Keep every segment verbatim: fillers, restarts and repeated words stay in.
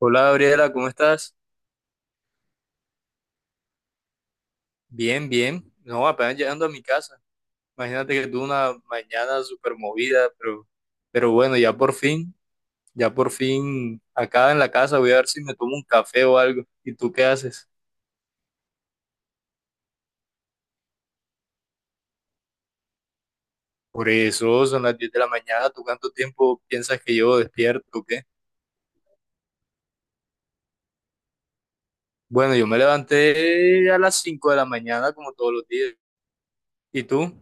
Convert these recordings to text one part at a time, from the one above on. Hola Gabriela, ¿cómo estás? Bien, bien. No, apenas llegando a mi casa. Imagínate que tuve una mañana súper movida, pero, pero bueno, ya por fin, ya por fin acá en la casa voy a ver si me tomo un café o algo. ¿Y tú qué haces? Por eso son las diez de la mañana. ¿Tú cuánto tiempo piensas que llevo despierto o qué? Bueno, yo me levanté a las cinco de la mañana como todos los días. ¿Y tú?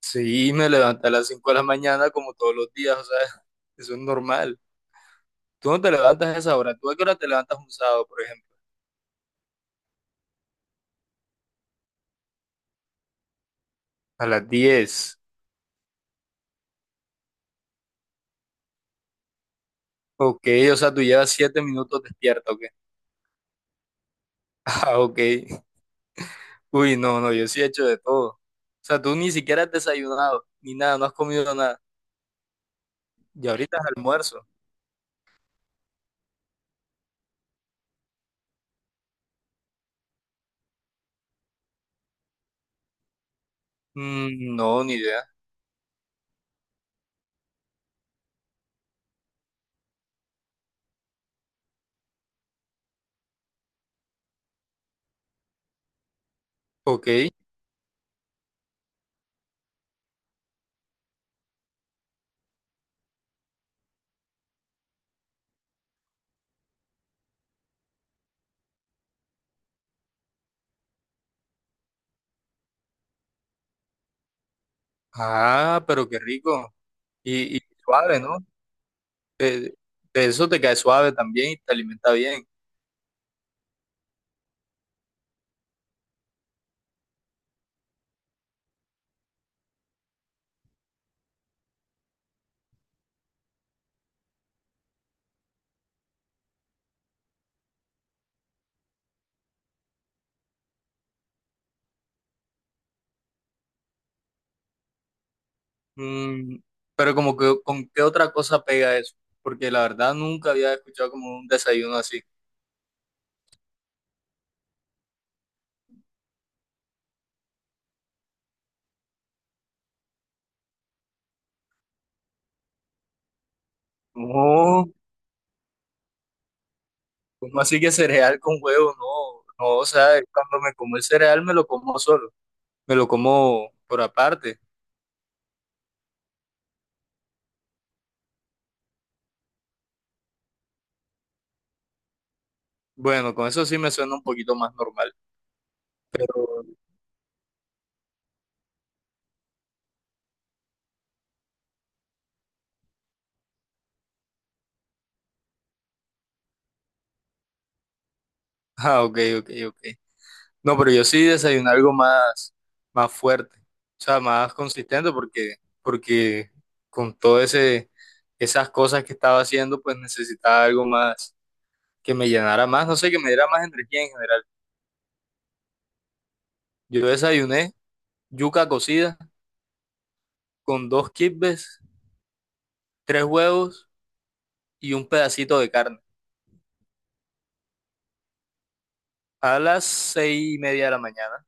Sí, me levanté a las cinco de la mañana como todos los días, o sea, eso es normal. Tú no te levantas a esa hora. ¿Tú a qué hora te levantas un sábado, por ejemplo? A las diez. Ok, o sea, tú llevas siete minutos despierto, ¿ok? Ah, ok. Uy, no, no, yo sí he hecho de todo. O sea, tú ni siquiera has desayunado, ni nada, no has comido nada. Y ahorita es almuerzo. Mm, no, ni idea. Ok. Ah, pero qué rico. Y, y suave, ¿no? Eh, de eso te cae suave también y te alimenta bien. Mm, pero como que, ¿con qué otra cosa pega eso? Porque la verdad nunca había escuchado como un desayuno así. No, ¿cómo así que cereal con huevo? No, no, o sea, cuando me como el cereal me lo como solo, me lo como por aparte. Bueno, con eso sí me suena un poquito más normal, pero... Ah, ok, ok, ok. No, pero yo sí desayuno algo más, más fuerte, o sea, más consistente porque, porque con todo ese, esas cosas que estaba haciendo, pues necesitaba algo más que me llenara más, no sé, que me diera más energía en general. Yo desayuné yuca cocida con dos kibbes, tres huevos y un pedacito de carne a las seis y media de la mañana.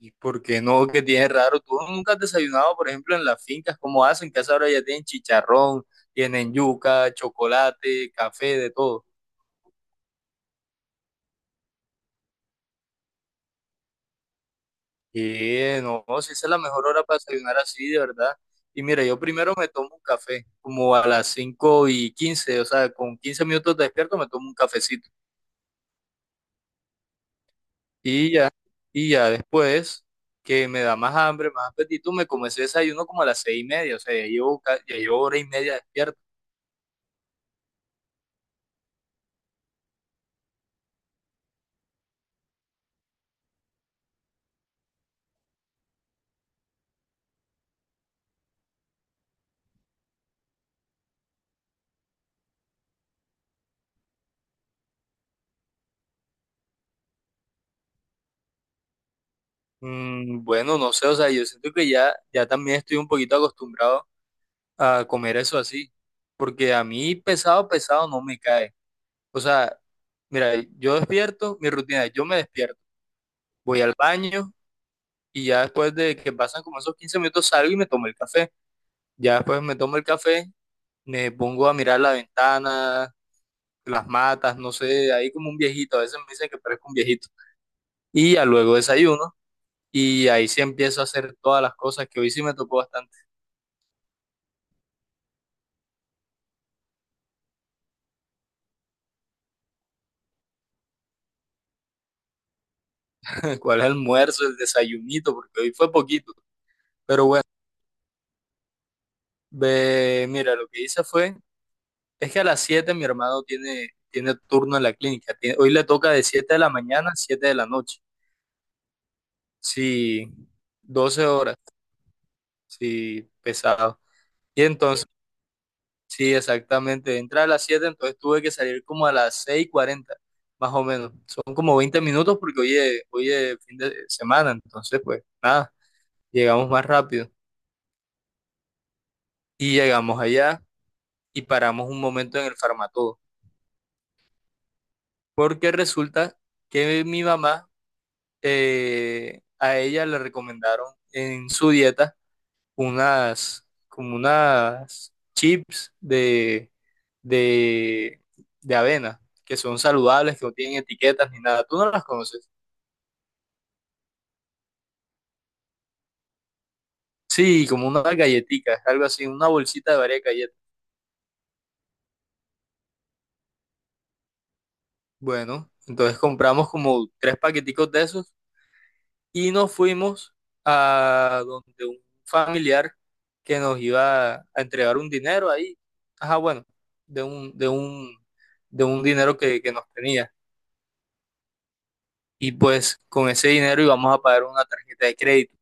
¿Y por qué no? que tienes raro? ¿Tú nunca has desayunado, por ejemplo, en las fincas? ¿Cómo hacen? Que a esa hora ya tienen chicharrón, tienen yuca, chocolate, café, de todo. Y no, no, si esa es la mejor hora para desayunar así, de verdad. Y mira, yo primero me tomo un café, como a las cinco y quince, o sea, con quince minutos despierto me tomo un cafecito. Y ya, y ya después que me da más hambre, más apetito, me comencé ese desayuno como a las seis y media, o sea, ya llevo, ca- ya llevo hora y media despierto. Mm, bueno, no sé, o sea, yo siento que ya, ya también estoy un poquito acostumbrado a comer eso así, porque a mí pesado, pesado no me cae. O sea, mira, yo despierto, mi rutina es, yo me despierto, voy al baño y ya después de que pasan como esos quince minutos salgo y me tomo el café. Ya después me tomo el café, me pongo a mirar la ventana las matas, no sé, ahí como un viejito, a veces me dicen que parezco un viejito. Y ya luego desayuno y ahí sí empiezo a hacer todas las cosas que hoy sí me tocó bastante. ¿Cuál es el almuerzo, el desayunito? Porque hoy fue poquito. Pero bueno, ve, mira, lo que hice fue, es que a las siete mi hermano tiene, tiene turno en la clínica, tiene- hoy le toca de siete de la mañana a siete de la noche, sí, doce horas, sí, pesado. Y entonces... Sí, exactamente. Entra a las siete, entonces tuve que salir como a las seis cuarenta, más o menos. Son como veinte minutos porque hoy es, hoy es fin de semana, entonces pues nada, llegamos más rápido. Y llegamos allá y paramos un momento en el Farmatodo, porque resulta que mi mamá, eh, a ella le recomendaron en su dieta unas, como unas chips de, de, de avena, que son saludables, que no tienen etiquetas ni nada. ¿Tú no las conoces? Sí, como unas galletitas, algo así, una bolsita de varias galletas. Bueno, entonces compramos como tres paqueticos de esos y nos fuimos a donde un familiar que nos iba a entregar un dinero ahí. Ajá, bueno, de un, de un, de un dinero que, que nos tenía. Y pues con ese dinero íbamos a pagar una tarjeta de crédito.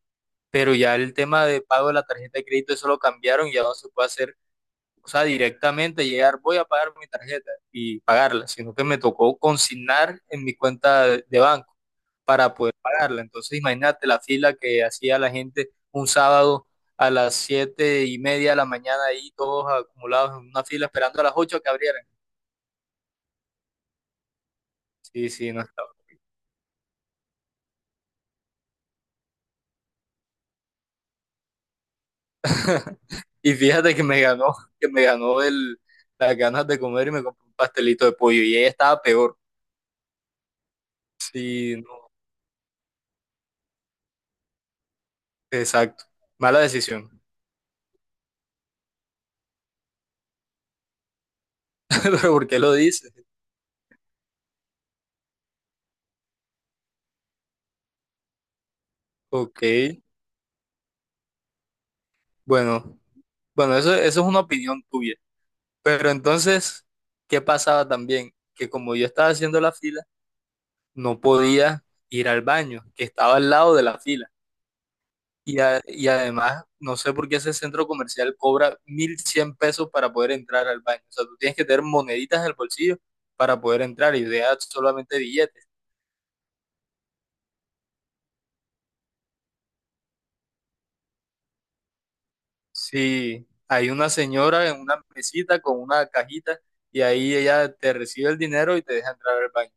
Pero ya el tema de pago de la tarjeta de crédito, eso lo cambiaron, ya no se puede hacer, o sea, directamente llegar, voy a pagar mi tarjeta y pagarla, sino que me tocó consignar en mi cuenta de de banco para poder pagarla. Entonces, imagínate la fila que hacía la gente un sábado a las siete y media de la mañana ahí todos acumulados en una fila esperando a las ocho que abrieran. Sí, sí, no. Y fíjate que me ganó, que me ganó el, las ganas de comer y me compré un pastelito de pollo. Y ella estaba peor. Sí, no, exacto. Mala decisión. Pero ¿por qué lo dices? Ok, bueno, bueno, eso, eso es una opinión tuya. Pero entonces, ¿qué pasaba también? Que como yo estaba haciendo la fila, no podía ir al baño, que estaba al lado de la fila. Y, a- y además, no sé por qué ese centro comercial cobra mil cien pesos para poder entrar al baño. O sea, tú tienes que tener moneditas en el bolsillo para poder entrar y deja solamente billetes. Sí, hay una señora en una mesita con una cajita y ahí ella te recibe el dinero y te deja entrar al baño.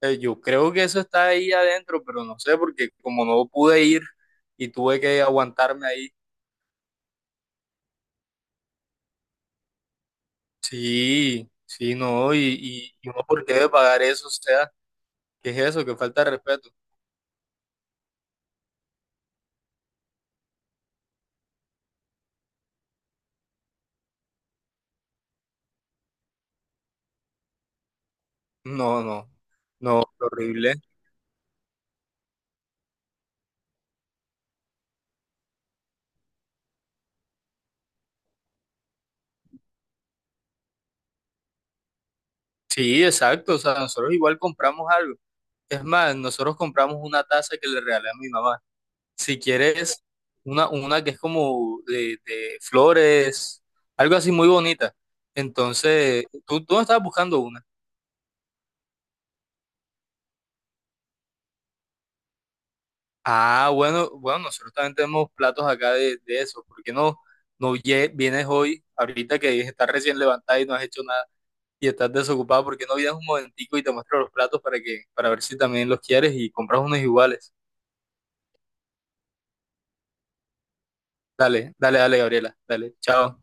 Eh, yo creo que eso está ahí adentro, pero no sé porque como no pude ir y tuve que aguantarme ahí. Sí, sí, no, y, y, y uno por qué debe pagar eso, o sea, ¿qué es eso? Que falta de respeto! No, no, no, horrible. Sí, exacto, o sea, nosotros igual compramos algo. Es más, nosotros compramos una taza que le regalé a mi mamá. Si quieres, una, una que es como de, de flores, algo así muy bonita. Entonces, tú, tú no estabas buscando una. Ah, bueno, bueno, nosotros también tenemos platos acá de, de eso. ¿Por qué no, no lle- vienes hoy, ahorita que estás recién levantada y no has hecho nada? ¿Y estás desocupado, porque no vienes un momentico y te muestro los platos para que, para ver si también los quieres y compras unos iguales? Dale, dale, dale, Gabriela, dale, chao.